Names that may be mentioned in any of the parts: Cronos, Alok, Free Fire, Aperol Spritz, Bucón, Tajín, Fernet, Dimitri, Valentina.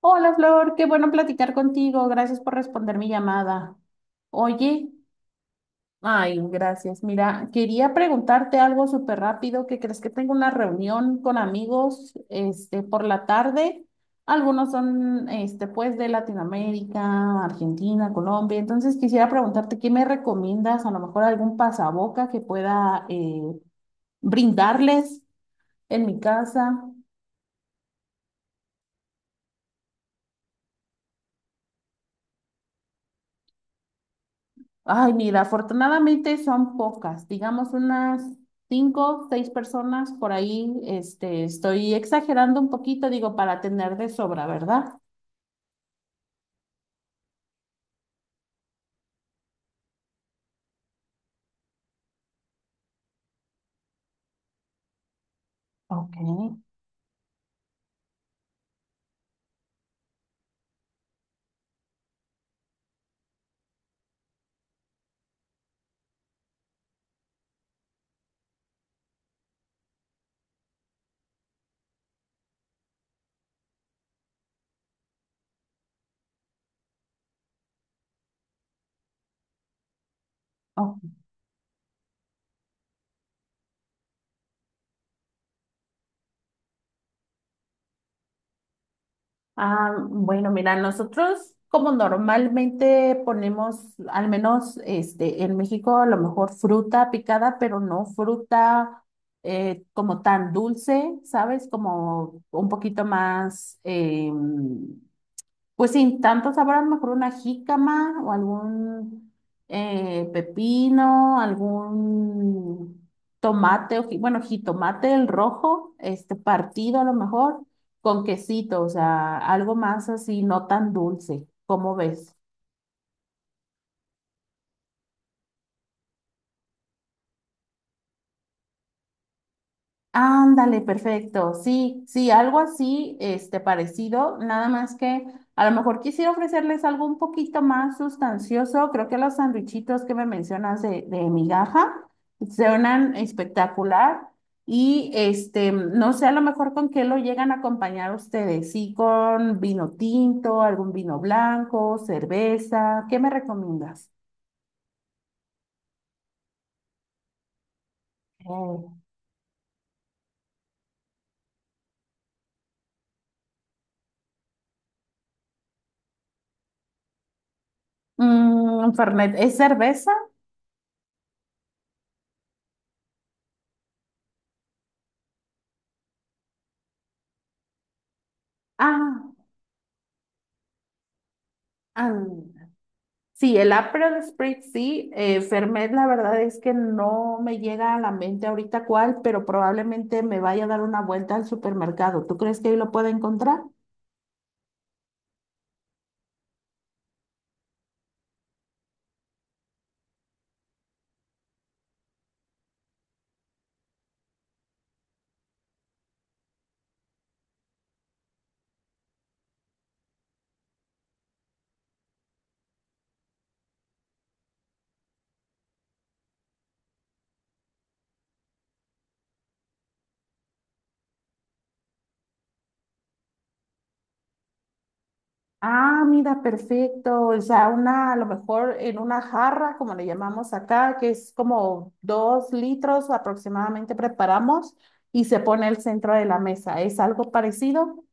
Hola Flor, qué bueno platicar contigo. Gracias por responder mi llamada. Oye, ay, gracias. Mira, quería preguntarte algo súper rápido. ¿Qué crees? Que tengo una reunión con amigos, este, por la tarde. Algunos son, este, pues de Latinoamérica, Argentina, Colombia. Entonces quisiera preguntarte, ¿qué me recomiendas? A lo mejor algún pasaboca que pueda brindarles en mi casa. Ay, mira, afortunadamente son pocas, digamos unas cinco, seis personas por ahí. Este, estoy exagerando un poquito, digo, para tener de sobra, ¿verdad? Ok, ok. Ah, bueno, mira, nosotros como normalmente ponemos, al menos este, en México, a lo mejor fruta picada, pero no fruta como tan dulce, ¿sabes? Como un poquito más, pues sin tanto sabor, mejor una jícama o algún pepino, algún tomate, o, bueno, jitomate el rojo, este partido a lo mejor, con quesito, o sea, algo más así, no tan dulce. ¿Cómo ves? Ándale, perfecto. Sí, sí, algo así, este, parecido, nada más que a lo mejor quisiera ofrecerles algo un poquito más sustancioso. Creo que los sandwichitos que me mencionas de migaja suenan espectacular. Y este, no sé, a lo mejor con qué lo llegan a acompañar ustedes. Sí, con vino tinto, algún vino blanco, cerveza. ¿Qué me recomiendas? Oh, mm, Fernet, ¿es cerveza? Ah, ah. Sí, el Aperol Spritz sí, Fernet la verdad es que no me llega a la mente ahorita cuál, pero probablemente me vaya a dar una vuelta al supermercado. ¿Tú crees que ahí lo pueda encontrar? Ah, mira, perfecto. O sea, una, a lo mejor en una jarra, como le llamamos acá, que es como dos litros aproximadamente preparamos y se pone el centro de la mesa. ¿Es algo parecido?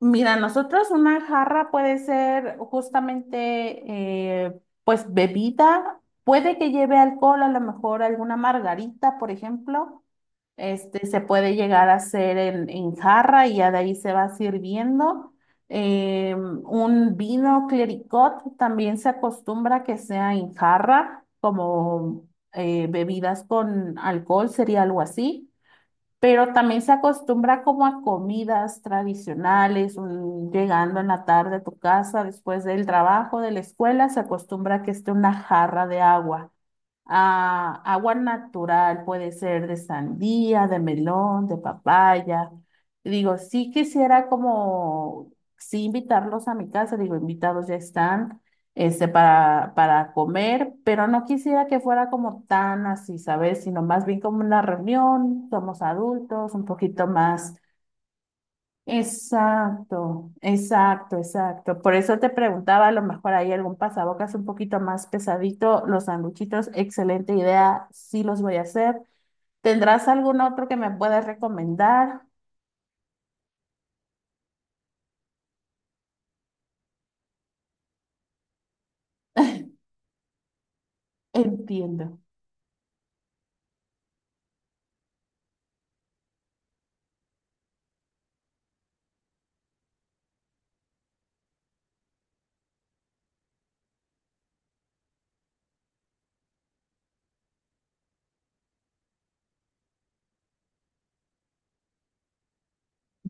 Mira, nosotros una jarra puede ser justamente, pues, bebida, puede que lleve alcohol, a lo mejor alguna margarita, por ejemplo, este, se puede llegar a hacer en jarra y ya de ahí se va sirviendo. Un vino clericot también se acostumbra que sea en jarra, como bebidas con alcohol, sería algo así, pero también se acostumbra como a comidas tradicionales, llegando en la tarde a tu casa después del trabajo, de la escuela, se acostumbra a que esté una jarra de agua. Ah, agua natural puede ser de sandía, de melón, de papaya. Digo, sí quisiera como, sí invitarlos a mi casa, digo, invitados ya están, este, para comer, pero no quisiera que fuera como tan así, ¿sabes? Sino más bien como una reunión, somos adultos, un poquito más. Exacto, exacto, exacto. Por eso te preguntaba, a lo mejor hay algún pasabocas un poquito más pesadito, los sanduchitos, excelente idea, sí los voy a hacer. ¿Tendrás algún otro que me puedas recomendar? Entiendo,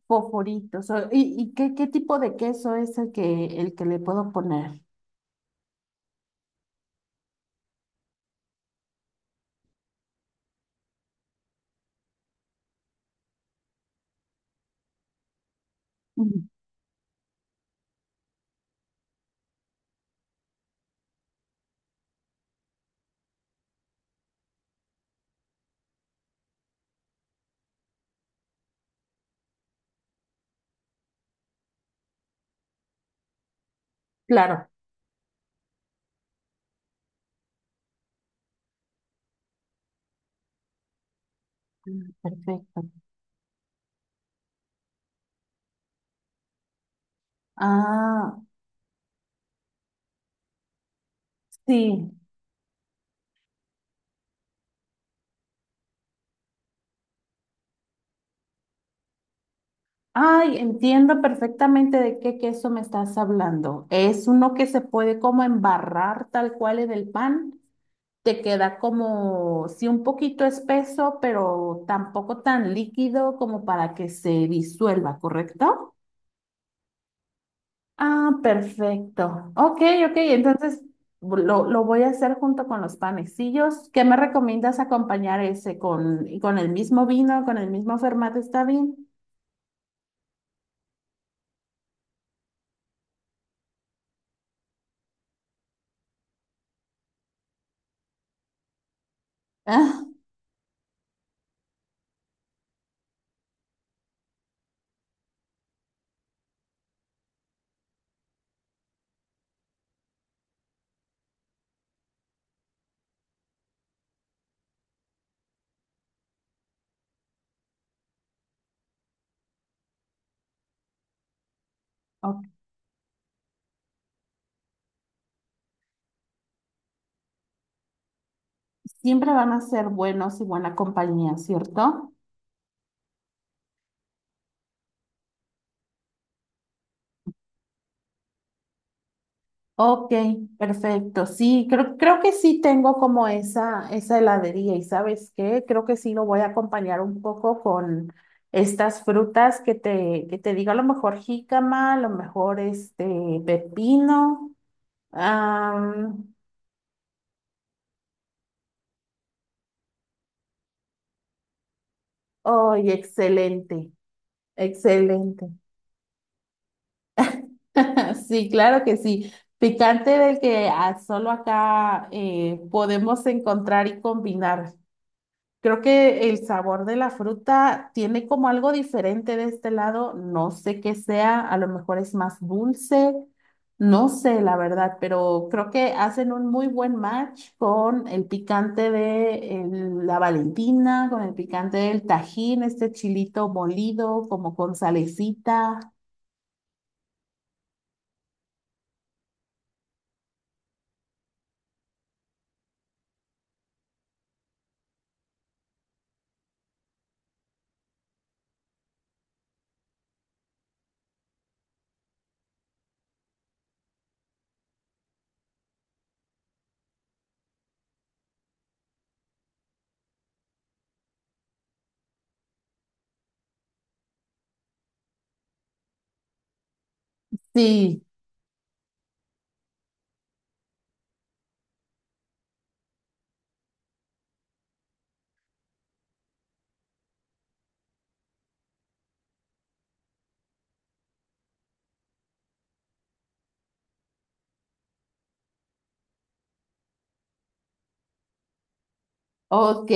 foforitos. Y qué, qué tipo de queso es el que le puedo poner? Ujú. Claro. Mm, perfecto. Ah, sí. Ay, entiendo perfectamente de qué queso me estás hablando. Es uno que se puede como embarrar tal cual en el pan. Te queda como, sí, un poquito espeso, pero tampoco tan líquido como para que se disuelva, ¿correcto? Ah, perfecto. Ok, ok, entonces lo voy a hacer junto con los panecillos. ¿Qué me recomiendas acompañar ese con el mismo vino, con el mismo formato? ¿Está bien? Ah, ok. Siempre van a ser buenos y buena compañía, ¿cierto? Ok, perfecto. Sí, creo, creo que sí tengo como esa heladería y ¿sabes qué? Creo que sí lo voy a acompañar un poco con estas frutas que te digo, a lo mejor jícama, a lo mejor este pepino. Am, ¡ay, excelente! Excelente. Sí, claro que sí. Picante del que ah, solo acá podemos encontrar y combinar. Creo que el sabor de la fruta tiene como algo diferente de este lado. No sé qué sea, a lo mejor es más dulce, no sé la verdad, pero creo que hacen un muy buen match con el picante de la Valentina, con el picante del Tajín, este chilito molido, como con salecita. Sí, ok,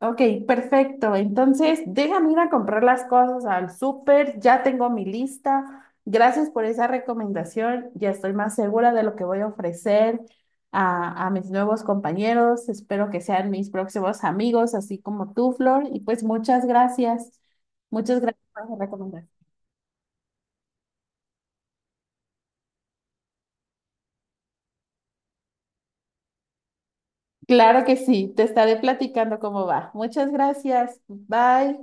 ok, perfecto. Entonces, déjame ir a comprar las cosas al súper, ya tengo mi lista. Gracias por esa recomendación, ya estoy más segura de lo que voy a ofrecer a mis nuevos compañeros. Espero que sean mis próximos amigos, así como tú, Flor. Y pues muchas gracias por esa recomendación. Claro que sí, te estaré platicando cómo va. Muchas gracias, bye.